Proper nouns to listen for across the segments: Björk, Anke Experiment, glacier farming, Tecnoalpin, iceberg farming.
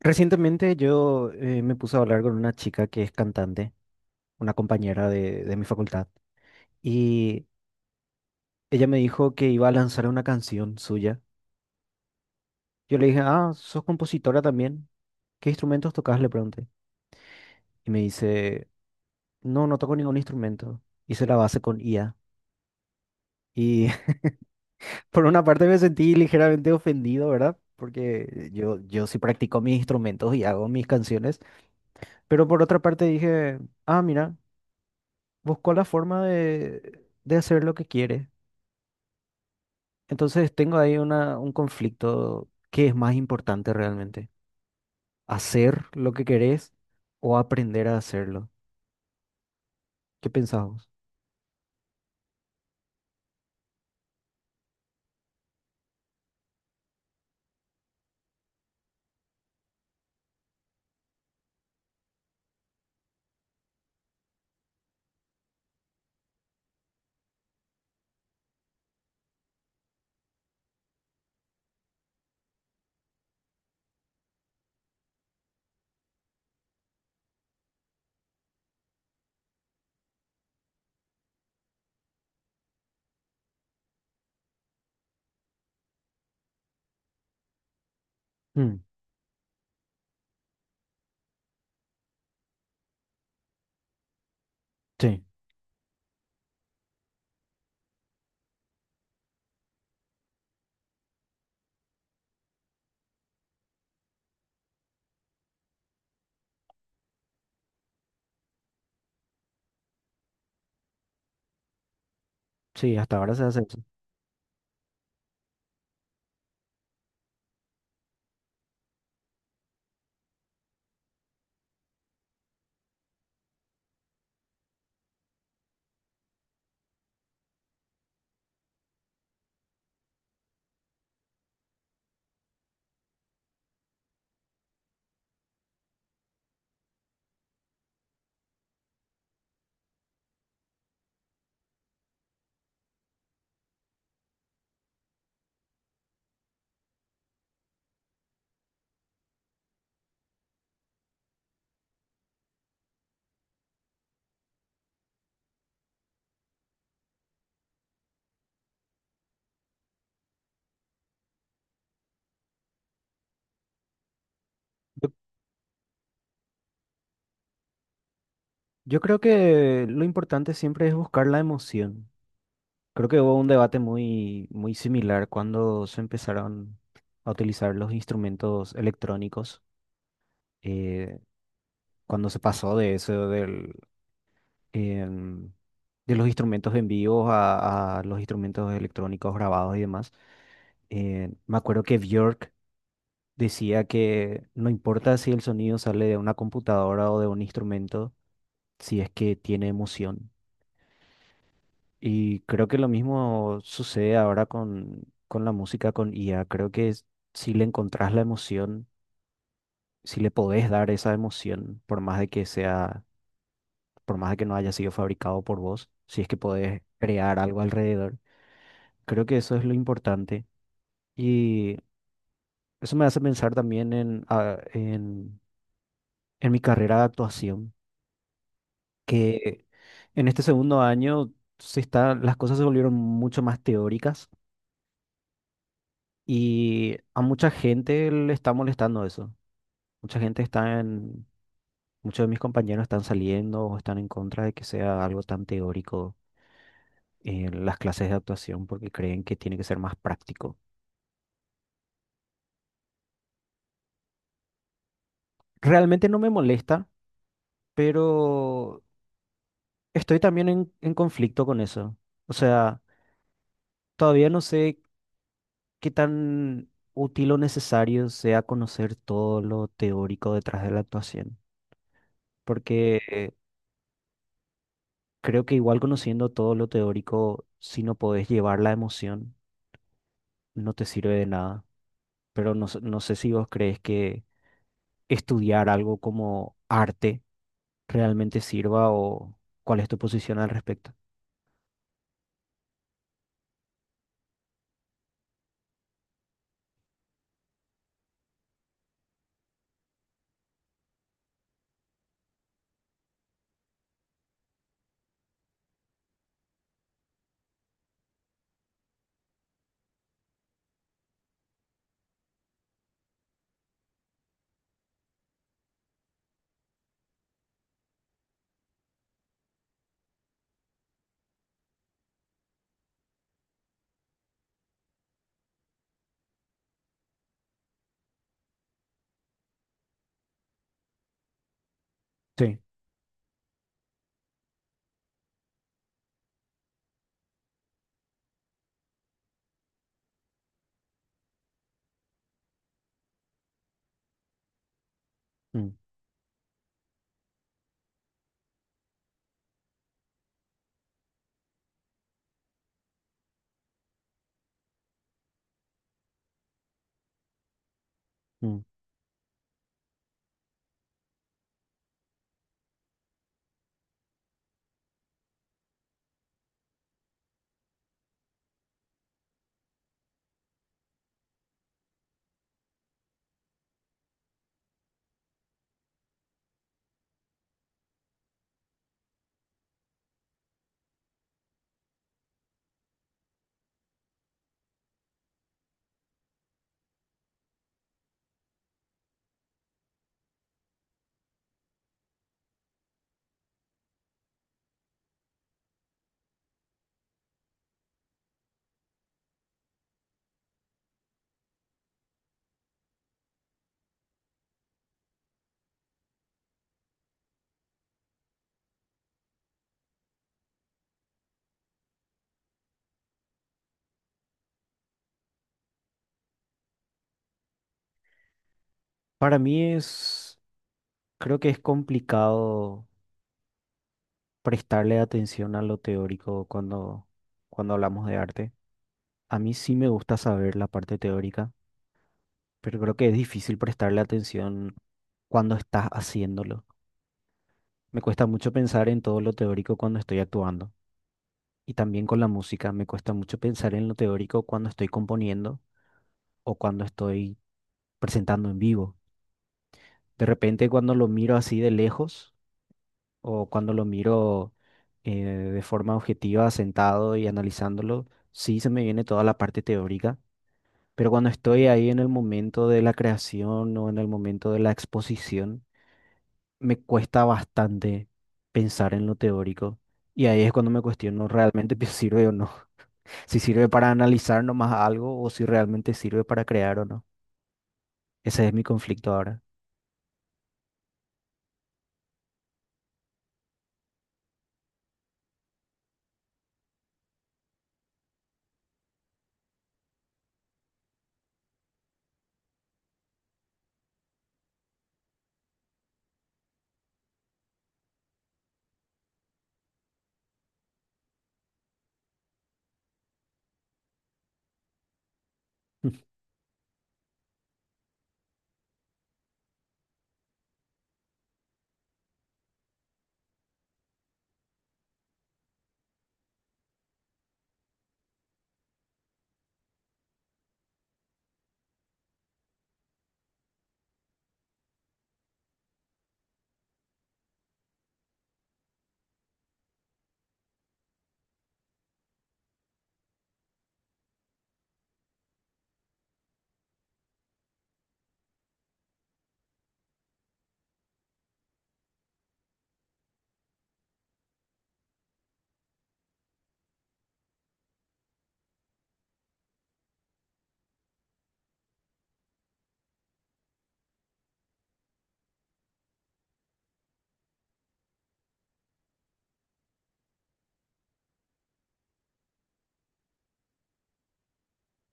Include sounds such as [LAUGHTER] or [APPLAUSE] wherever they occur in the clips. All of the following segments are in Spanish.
Recientemente yo me puse a hablar con una chica que es cantante, una compañera de mi facultad, y ella me dijo que iba a lanzar una canción suya. Yo le dije, ah, ¿sos compositora también? ¿Qué instrumentos tocas? Le pregunté. Y me dice, no, no toco ningún instrumento. Hice la base con IA. Y [LAUGHS] por una parte me sentí ligeramente ofendido, ¿verdad? Porque yo sí practico mis instrumentos y hago mis canciones, pero por otra parte dije, ah, mira. Buscó la forma de hacer lo que quiere. Entonces tengo ahí una, un conflicto. ¿Qué es más importante realmente? ¿Hacer lo que querés o aprender a hacerlo? ¿Qué pensás vos? Mm, sí, sí, hasta ahora se hace eso. Yo, yo creo que lo importante siempre es buscar la emoción. Creo que hubo un debate muy, muy similar cuando se empezaron a utilizar los instrumentos electrónicos, eh, cuando se pasó de eso em, de los instrumentos en vivo a los instrumentos electrónicos grabados y demás. Me acuerdo que Björk decía que no importa si el sonido sale de una computadora o de un instrumento, si es que tiene emoción. Y creo que lo mismo sucede ahora con la música, con IA. Creo que es- si le encontrás la emoción, si le podés dar esa emoción, por más de que sea, por más de que no haya sido fabricado por vos, si es que podés crear algo alrededor. Creo que eso es lo importante. Y eso me hace pensar también en, ah, en mi carrera de actuación, que en este segundo año se está, las cosas se volvieron mucho más teóricas y a mucha gente le está molestando eso. Mucha gente está en, muchos de mis compañeros están saliendo o están en contra de que sea algo tan teórico en las clases de actuación porque creen que tiene que ser más práctico. Realmente no me molesta, pero... Estoy también en conflicto con eso. O sea, todavía no sé qué tan útil o necesario sea conocer todo lo teórico detrás de la actuación. Porque creo que igual conociendo todo lo teórico, si no podés llevar la emoción, no te sirve de nada. Pero no, sé- no sé si vos crees que estudiar algo como arte realmente sirva o cuál es tu posición al respecto. Sí. Mm, mm. Para mí es, creo que es complicado prestarle atención a lo teórico cuando, cuando hablamos de arte. A mí sí me gusta saber la parte teórica, pero creo que es difícil prestarle atención cuando estás haciéndolo. Me cuesta mucho pensar en todo lo teórico cuando estoy actuando. Y también con la música, me cuesta mucho pensar en lo teórico cuando estoy componiendo o cuando estoy presentando en vivo. De repente cuando lo miro así de lejos, o cuando lo miro de forma objetiva, sentado y analizándolo, sí se me viene toda la parte teórica, pero cuando estoy ahí en el momento de la creación o en el momento de la exposición, me cuesta bastante pensar en lo teórico. Y ahí es cuando me cuestiono realmente [LAUGHS] si sirve o no. Si sirve para analizar nomás algo o si realmente sirve para crear o no. Ese es mi conflicto ahora. [LAUGHS]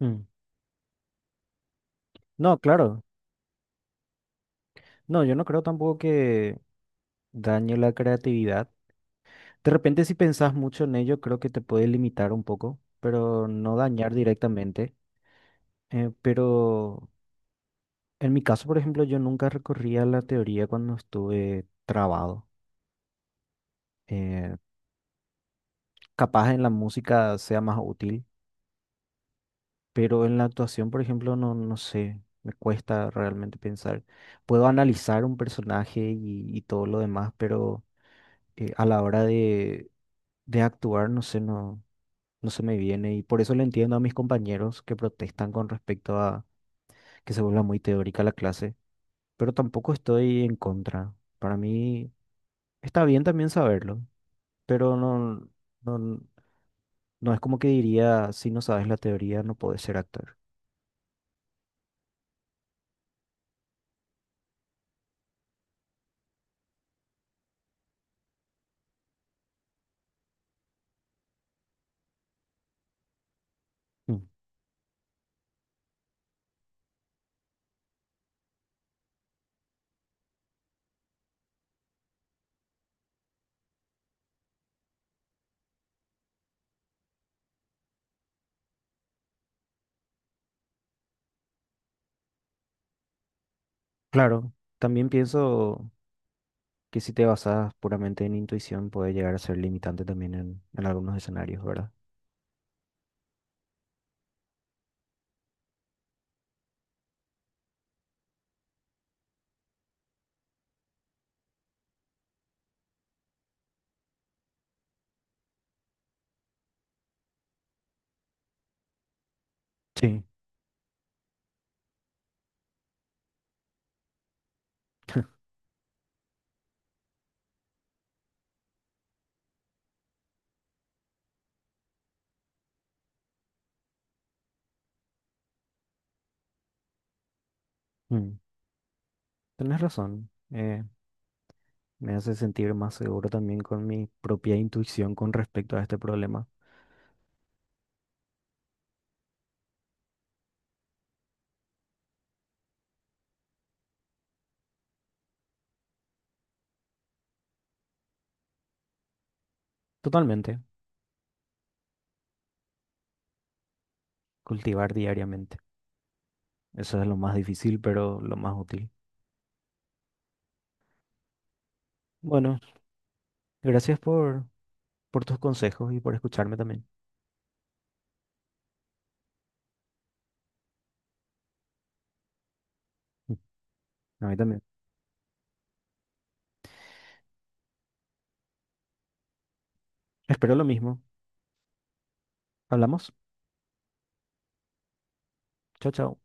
Mm. No, claro. No, yo no creo tampoco que dañe la creatividad. De repente, si pensás mucho en ello, creo que te puede limitar un poco, pero no dañar directamente. Pero en mi caso, por ejemplo, yo nunca recorría la teoría cuando estuve trabado. Eh, Capaz en la música sea más útil, pero en la actuación, por ejemplo, no, no sé, me cuesta realmente pensar. Puedo analizar un personaje y todo lo demás, pero a la hora de actuar, no sé, no. No se me viene y por eso le entiendo a mis compañeros que protestan con respecto a que se vuelva muy teórica la clase, pero tampoco estoy en contra. Para mí está bien también saberlo, pero no, no, no es como que diría, si no sabes la teoría no puedes ser actor. Mm. Claro, también pienso que si te basas puramente en intuición puede llegar a ser limitante también en algunos escenarios, ¿verdad? Sí, mm, tenés razón. Me hace sentir más seguro también con mi propia intuición con respecto a este problema. Totalmente. Cultivar diariamente. Eso es lo más difícil, pero lo más útil. Bueno, gracias por tus consejos y por escucharme también. Mm, a mí también. Espero lo mismo. Hablamos. Chao, chao.